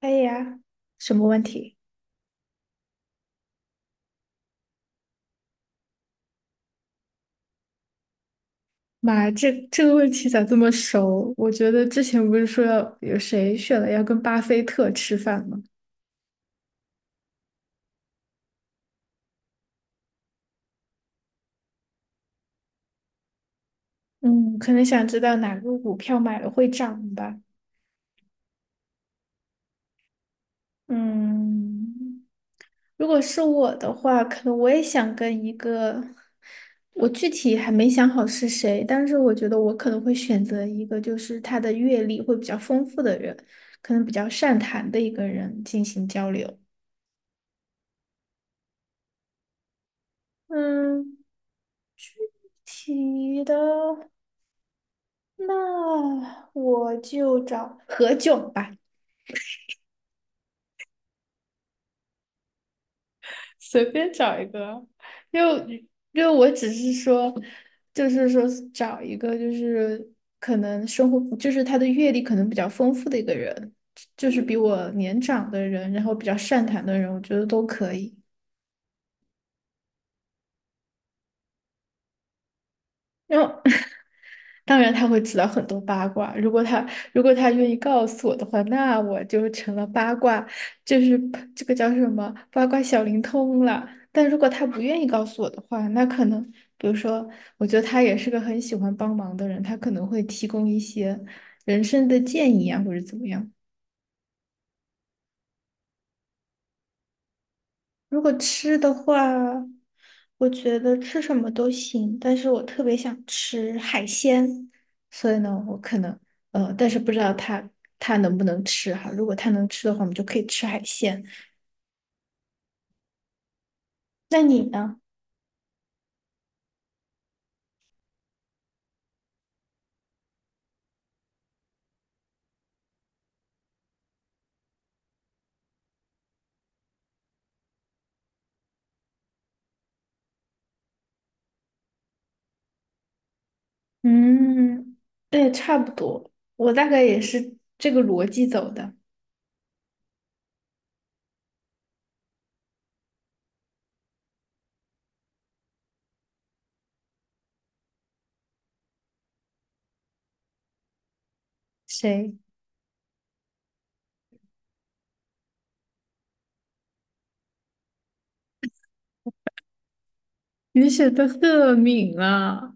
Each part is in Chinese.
可以呀，什么问题？妈，这个问题咋这么熟？我觉得之前不是说要有谁选了要跟巴菲特吃饭吗？嗯，可能想知道哪个股票买了会涨吧。嗯，如果是我的话，可能我也想跟一个，我具体还没想好是谁，但是我觉得我可能会选择一个，就是他的阅历会比较丰富的人，可能比较善谈的一个人进行交流。嗯。体育的，那我就找何炅吧，随便找一个，因为我只是说，就是说找一个就是可能生活就是他的阅历可能比较丰富的一个人，就是比我年长的人，然后比较善谈的人，我觉得都可以。然后当然他会知道很多八卦。如果他如果他愿意告诉我的话，那我就成了八卦，就是这个叫什么八卦小灵通了。但如果他不愿意告诉我的话，那可能比如说，我觉得他也是个很喜欢帮忙的人，他可能会提供一些人生的建议啊，或者怎么样。如果吃的话，我觉得吃什么都行，但是我特别想吃海鲜，所以呢，我可能但是不知道他能不能吃哈。如果他能吃的话，我们就可以吃海鲜。那你呢？嗯，对，差不多，我大概也是这个逻辑走的。谁？你选的赫敏啊，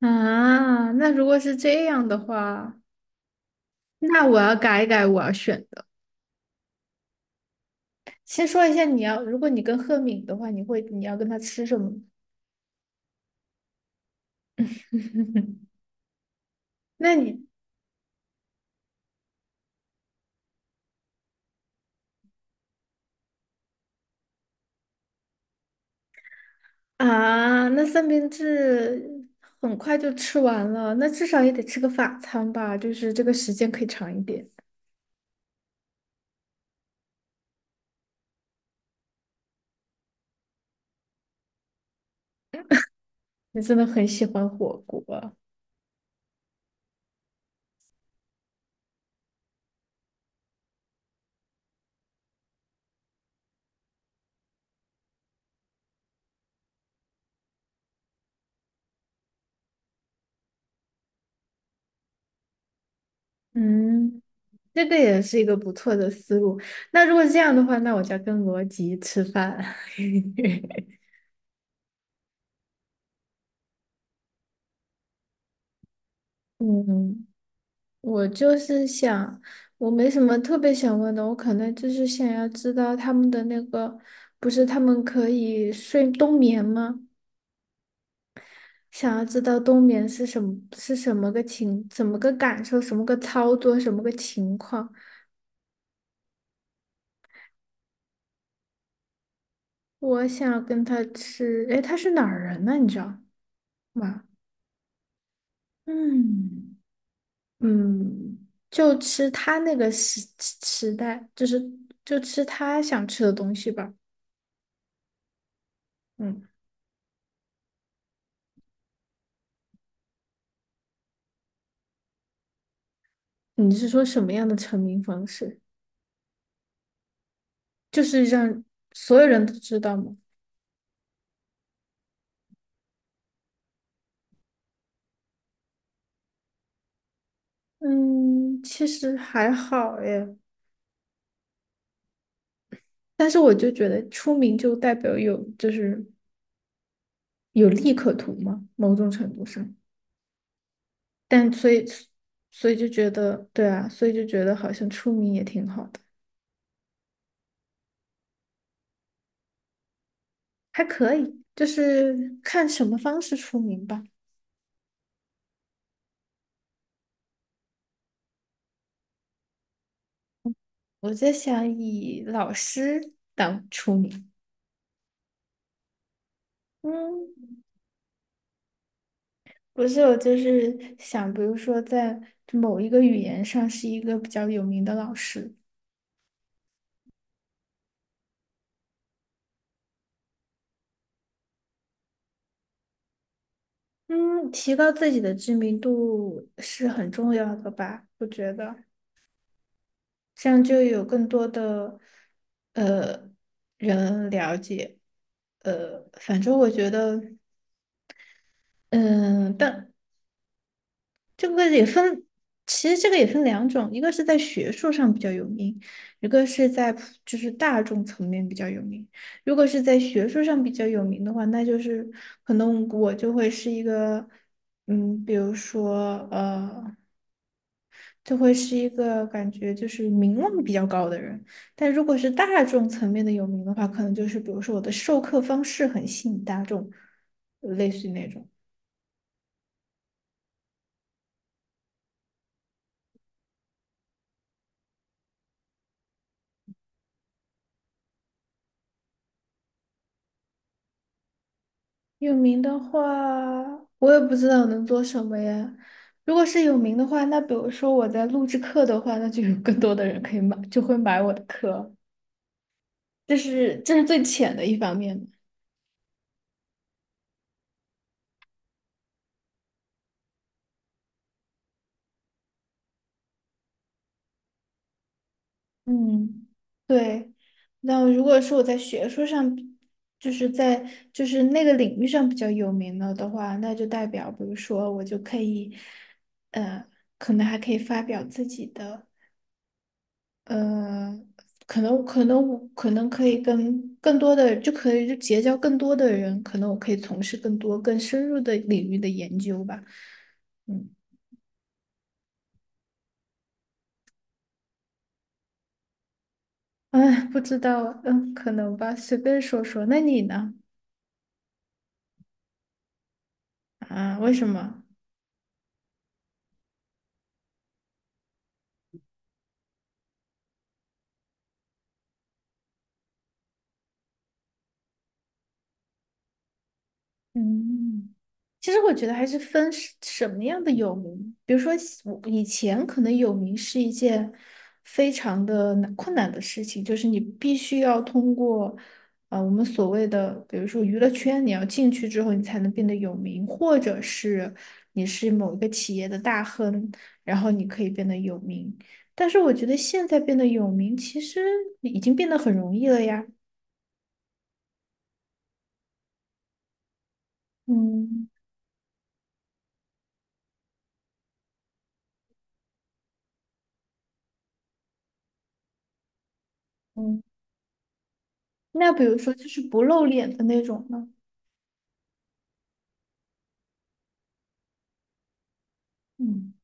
啊，那如果是这样的话，那我要改一改我要选的。先说一下你要，如果你跟赫敏的话，你要跟他吃什么？那你啊，那三明治很快就吃完了，那至少也得吃个法餐吧，就是这个时间可以长一点。你真的很喜欢火锅啊。嗯，这个也是一个不错的思路。那如果这样的话，那我就要跟罗辑吃饭。嗯，我就是想，我没什么特别想问的，我可能就是想要知道他们的那个，不是他们可以睡冬眠吗？想要知道冬眠是什么，是什么个情，怎么个感受，什么个操作，什么个情况。我想要跟他吃，诶，他是哪儿人呢？你知道吗？嗯。嗯，就吃他那个时代，就是就吃他想吃的东西吧。嗯，你是说什么样的成名方式？就是让所有人都知道吗？嗯，其实还好耶，但是我就觉得出名就代表有就是有利可图嘛，某种程度上。但所以所以就觉得对啊，所以就觉得好像出名也挺好的，还可以，就是看什么方式出名吧。我在想以老师当出名。嗯，不是，我就是想，比如说在某一个语言上是一个比较有名的老师。嗯，提高自己的知名度是很重要的吧？我觉得这样就有更多的呃人了解。反正我觉得，嗯、但这个也分，其实这个也分两种，一个是在学术上比较有名，一个是在普就是大众层面比较有名。如果是在学术上比较有名的话，那就是可能我就会是一个，嗯，比如说呃。就会是一个感觉就是名望比较高的人。但如果是大众层面的有名的话，可能就是比如说我的授课方式很吸引大众，类似于那种。有名的话，我也不知道能做什么呀。如果是有名的话，那比如说我在录制课的话，那就有更多的人可以买，就会买我的课。这是最浅的一方面。嗯，对。那如果是我在学术上比就是在就是那个领域上比较有名了的话，那就代表，比如说我就可以，呃，可能还可以发表自己的，呃，可能我可以跟更多的，就可以就结交更多的人，可能我可以从事更多更深入的领域的研究吧。嗯，哎，不知道，嗯，可能吧，随便说说。那你呢？啊，为什么？嗯，其实我觉得还是分是什么样的有名，比如说喜我以前可能有名是一件非常的难困难的事情，就是你必须要通过我们所谓的，比如说娱乐圈，你要进去之后你才能变得有名，或者是你是某一个企业的大亨，然后你可以变得有名。但是我觉得现在变得有名，其实已经变得很容易了呀。嗯。嗯，那比如说就是不露脸的那种呢？嗯。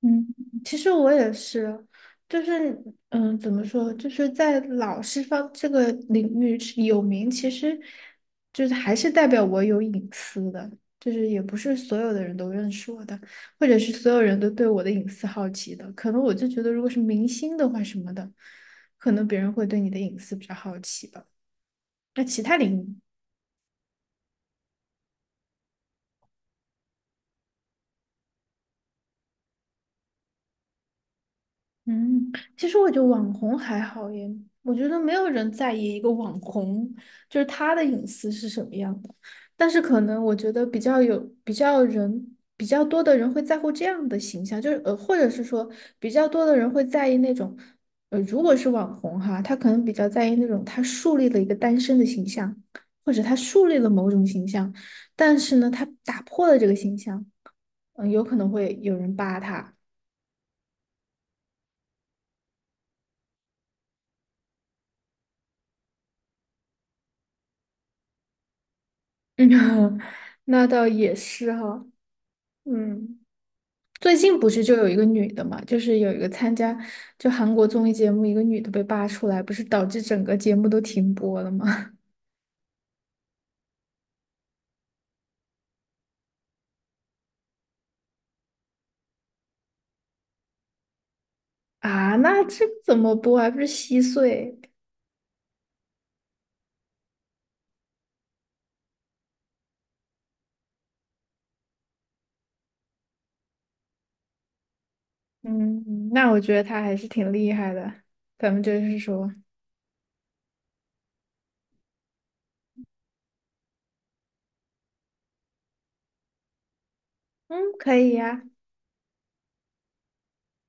嗯，其实我也是，就是嗯，怎么说，就是在老师方这个领域是有名，其实就是还是代表我有隐私的，就是也不是所有的人都认识我的，或者是所有人都对我的隐私好奇的。可能我就觉得，如果是明星的话什么的，可能别人会对你的隐私比较好奇吧。那其他领域。嗯，其实我觉得网红还好耶，我觉得没有人在意一个网红，就是他的隐私是什么样的。但是可能我觉得比较有比较人比较多的人会在乎这样的形象，就是或者是说比较多的人会在意那种，如果是网红哈，他可能比较在意那种他树立了一个单身的形象，或者他树立了某种形象，但是呢，他打破了这个形象，嗯、有可能会有人扒他。嗯，那倒也是哈，嗯，最近不是就有一个女的嘛，就是有一个参加就韩国综艺节目，一个女的被扒出来，不是导致整个节目都停播了吗？啊，那这个怎么播啊还不是稀碎？嗯，那我觉得她还是挺厉害的，咱们就是说，嗯，可以呀、